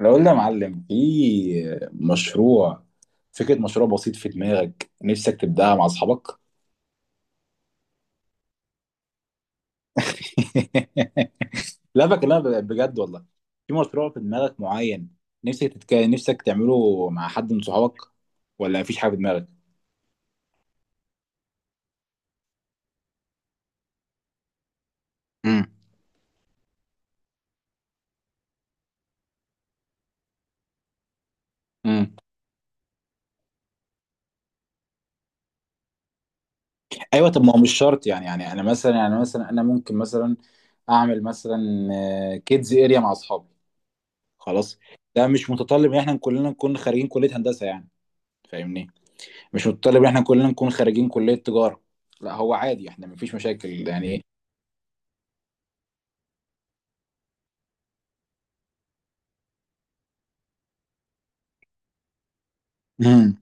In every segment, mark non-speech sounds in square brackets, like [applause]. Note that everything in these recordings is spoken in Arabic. لو قلنا يا معلم في مشروع فكرة مشروع بسيط في دماغك، نفسك تبدأها مع أصحابك. [laughs] لا، بكلمك بجد والله. في مشروع في دماغك معين، نفسك تعمله مع حد من صحابك، ولا مفيش حاجة في دماغك؟ امم. امم. ايوه، طب ما هو مش شرط يعني انا مثلا، يعني مثلا انا ممكن مثلا اعمل مثلا كيدز اريا مع اصحابي، خلاص. ده مش متطلب ان احنا كلنا نكون خارجين كلية هندسة يعني، فاهمني؟ مش متطلب ان احنا كلنا نكون خارجين كلية تجارة، لا هو عادي احنا مفيش مشاكل يعني. امم.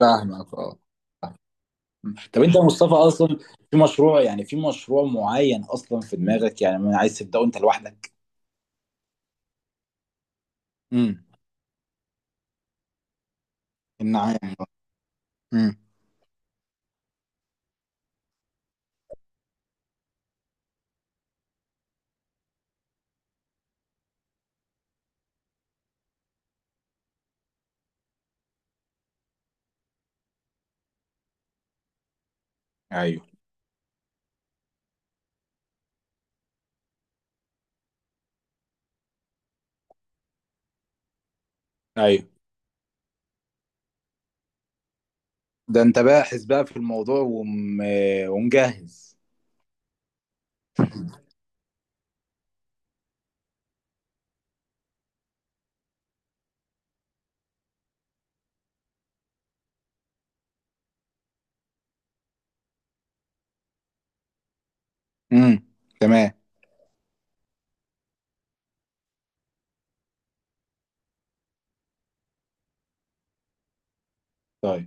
فاهمك اه. طب انت يا مصطفى اصلا، في مشروع معين اصلا في دماغك، يعني ما عايز تبدأه انت لوحدك؟ امم. النعام. امم. ايوه، ايوه. ده انت باحث بقى في الموضوع ومجهز. امم. تمام. طيب،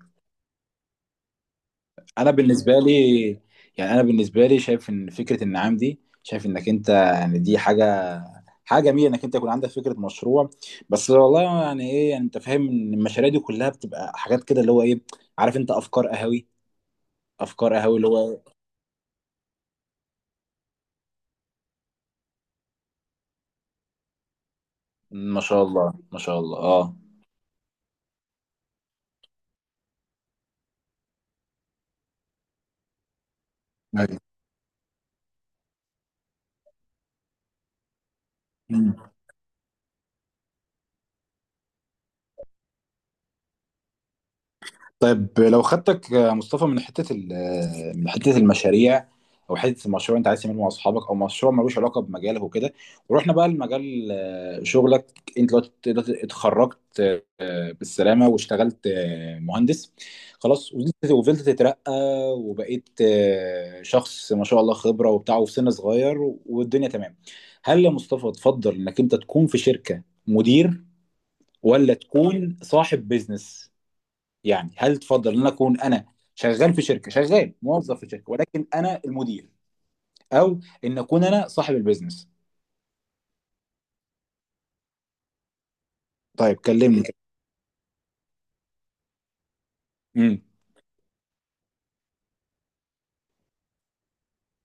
انا بالنسبه لي انا بالنسبه لي شايف ان فكره النعام دي، شايف انك انت يعني دي حاجه جميله انك انت يكون عندك فكره مشروع. بس والله يعني ايه، يعني انت فاهم ان المشاريع دي كلها بتبقى حاجات كده اللي هو ايه، عارف انت؟ افكار قهوي اللي هو. ما شاء الله، ما شاء الله، اه. أيوة. طيب لو خدتك مصطفى من حتة ال- آه، من حتة المشاريع، أو حتة المشروع أنت عايز تعمله مع أصحابك، أو مشروع ملوش علاقة بمجالك وكده، ورحنا بقى لمجال شغلك. أنت دلوقتي اتخرجت بالسلامة، واشتغلت مهندس، خلاص، وفضلت تترقى، وبقيت شخص ما شاء الله خبرة وبتاع، وفي سن صغير، والدنيا تمام. هل يا مصطفى تفضل إنك أنت تكون في شركة مدير، ولا تكون صاحب بيزنس؟ يعني هل تفضل ان اكون انا شغال موظف في شركه ولكن انا المدير، او ان اكون انا صاحب البيزنس؟ طيب كلمني. امم.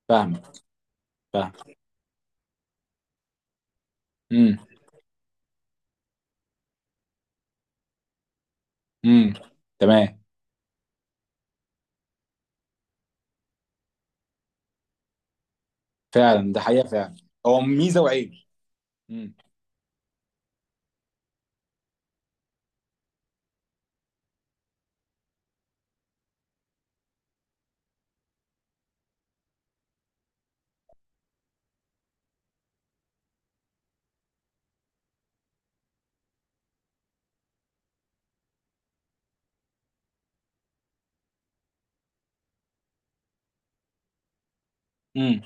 فاهمك. فاهم. امم. امم. تمام. فعلا، ده حقيقه فعلا. هو ميزه وعيب. امم.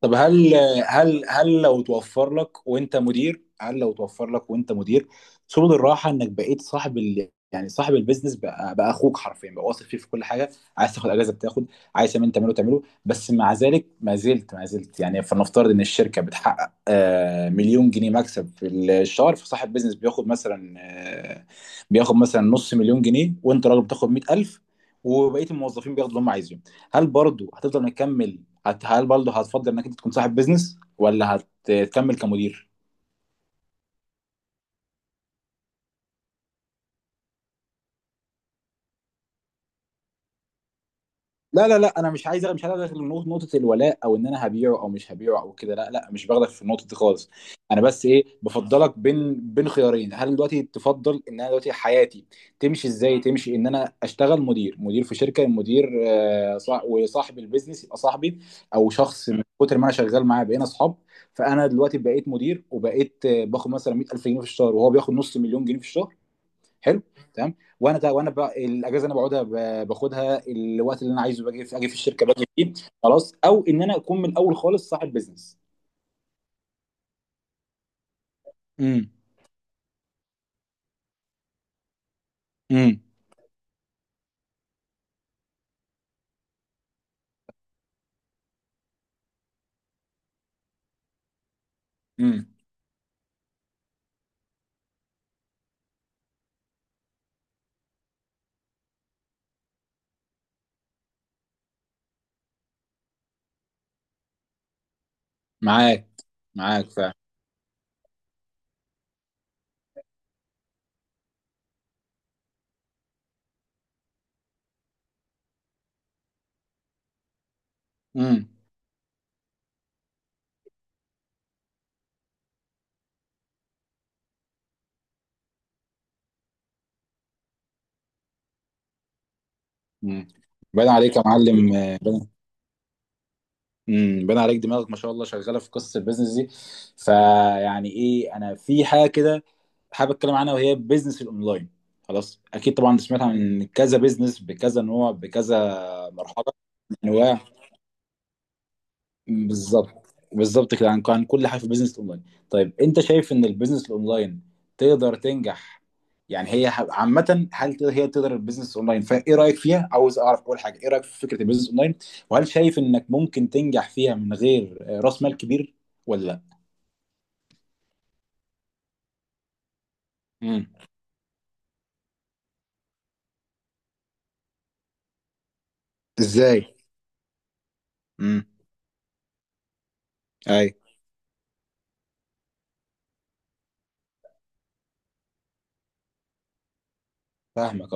طب هل لو توفر لك وانت مدير سبل الراحه، انك بقيت صاحب يعني صاحب البيزنس، بقى اخوك حرفيا، بقى واثق فيه في كل حاجه، عايز تاخد اجازه بتاخد، عايز تعمله، بس مع ذلك ما زلت يعني، فلنفترض ان الشركه بتحقق مليون جنيه مكسب في الشهر، فصاحب بيزنس بياخد مثلا نص مليون جنيه، وانت راجل بتاخد 100,000، وبقيه الموظفين بياخدوا اللي هم عايزينه. هل برضه هتفضل مكمل؟ هل برضه هتفضل انك انت تكون صاحب بيزنس، ولا هتكمل كمدير؟ لا، لا، لا، انا مش عايز ادخل نقطة الولاء، او ان انا هبيعه او مش هبيعه او كده، لا، لا، مش باخدك في النقطه دي خالص. انا بس ايه؟ بفضلك بين خيارين. هل دلوقتي تفضل ان انا دلوقتي حياتي تمشي ازاي، تمشي ان انا اشتغل مدير في شركه، مدير وصاحب البيزنس يبقى صاحبي، او شخص من كتر ما انا شغال معاه بقينا اصحاب، فانا دلوقتي بقيت مدير، وبقيت باخد مثلا 100,000 جنيه في الشهر، وهو بياخد نص مليون جنيه في الشهر، حلو، تمام. وانا بقى الاجازه انا بقعدها، باخدها الوقت اللي انا عايزه، باجي في اجي في الشركه باجي فيه، خلاص، او ان انا اكون من الاول خالص صاحب بزنس. امم. امم. امم. معاك. معاك فعلا. امم. امم. باين عليك يا معلم، باين. امم، باين عليك دماغك ما شاء الله شغاله في قصه البيزنس دي. فيعني ايه، انا في حاجه كده حابب اتكلم عنها، وهي بيزنس الاونلاين. خلاص، اكيد طبعا سمعت عن كذا بيزنس بكذا نوع بكذا مرحله من انواع. بالظبط، بالظبط كده، عن كل حاجه في البيزنس الاونلاين. طيب انت شايف ان البيزنس الاونلاين تقدر تنجح؟ يعني، عامه، هي تقدر البيزنس الاونلاين، فايه رايك فيها؟ عاوز اعرف اول حاجه، ايه رايك في فكره البيزنس اونلاين، وهل شايف انك ممكن تنجح فيها من غير راس مال كبير، ولا لا؟ امم. ازاي؟ امم. اي. فاهمك.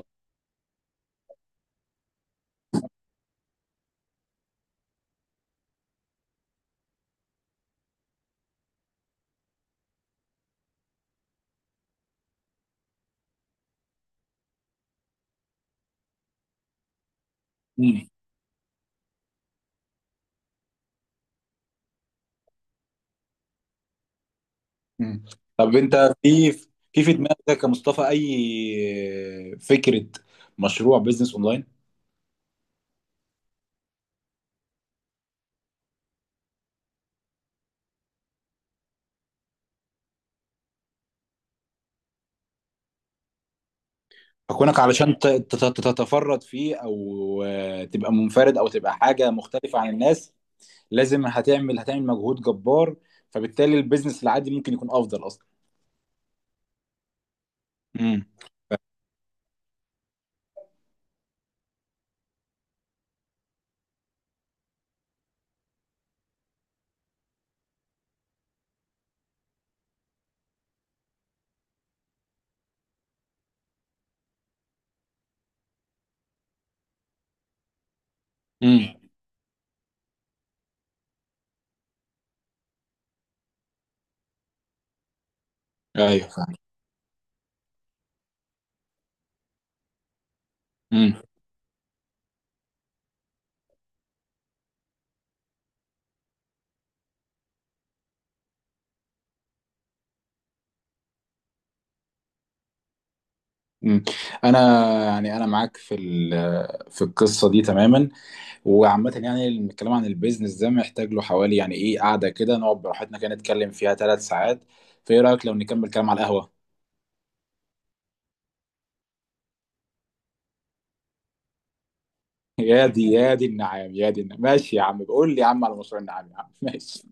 امم. أمم. طب انت في دماغك يا مصطفى اي فكره مشروع بيزنس اونلاين؟ كونك علشان تتفرد فيه، او تبقى منفرد، او تبقى حاجه مختلفه عن الناس، لازم هتعمل مجهود جبار، فبالتالي البيزنس العادي ممكن يكون افضل اصلا. امم. امم. ايوه، فاهم. امم. امم. انا، يعني انا معاك في في القصه دي تماما، وعامه يعني الكلام عن البيزنس ده محتاج له حوالي يعني ايه، قعده كده نقعد براحتنا كده نتكلم فيها 3 ساعات. فايه رايك لو نكمل كلام على القهوه؟ يا دي، يا دي النعام، يا دي النعام ماشي يا عم، بقول لي يا عم على مشروع النعام يا عم، ماشي.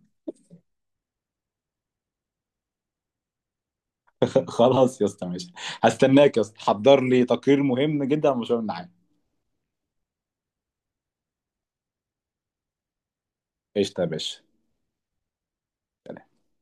[laughs] خلاص يا اسطى، ماشي. هستناك يا اسطى، حضر لي تقرير مهم جدا على مشروع النعام. قشطة يا باشا.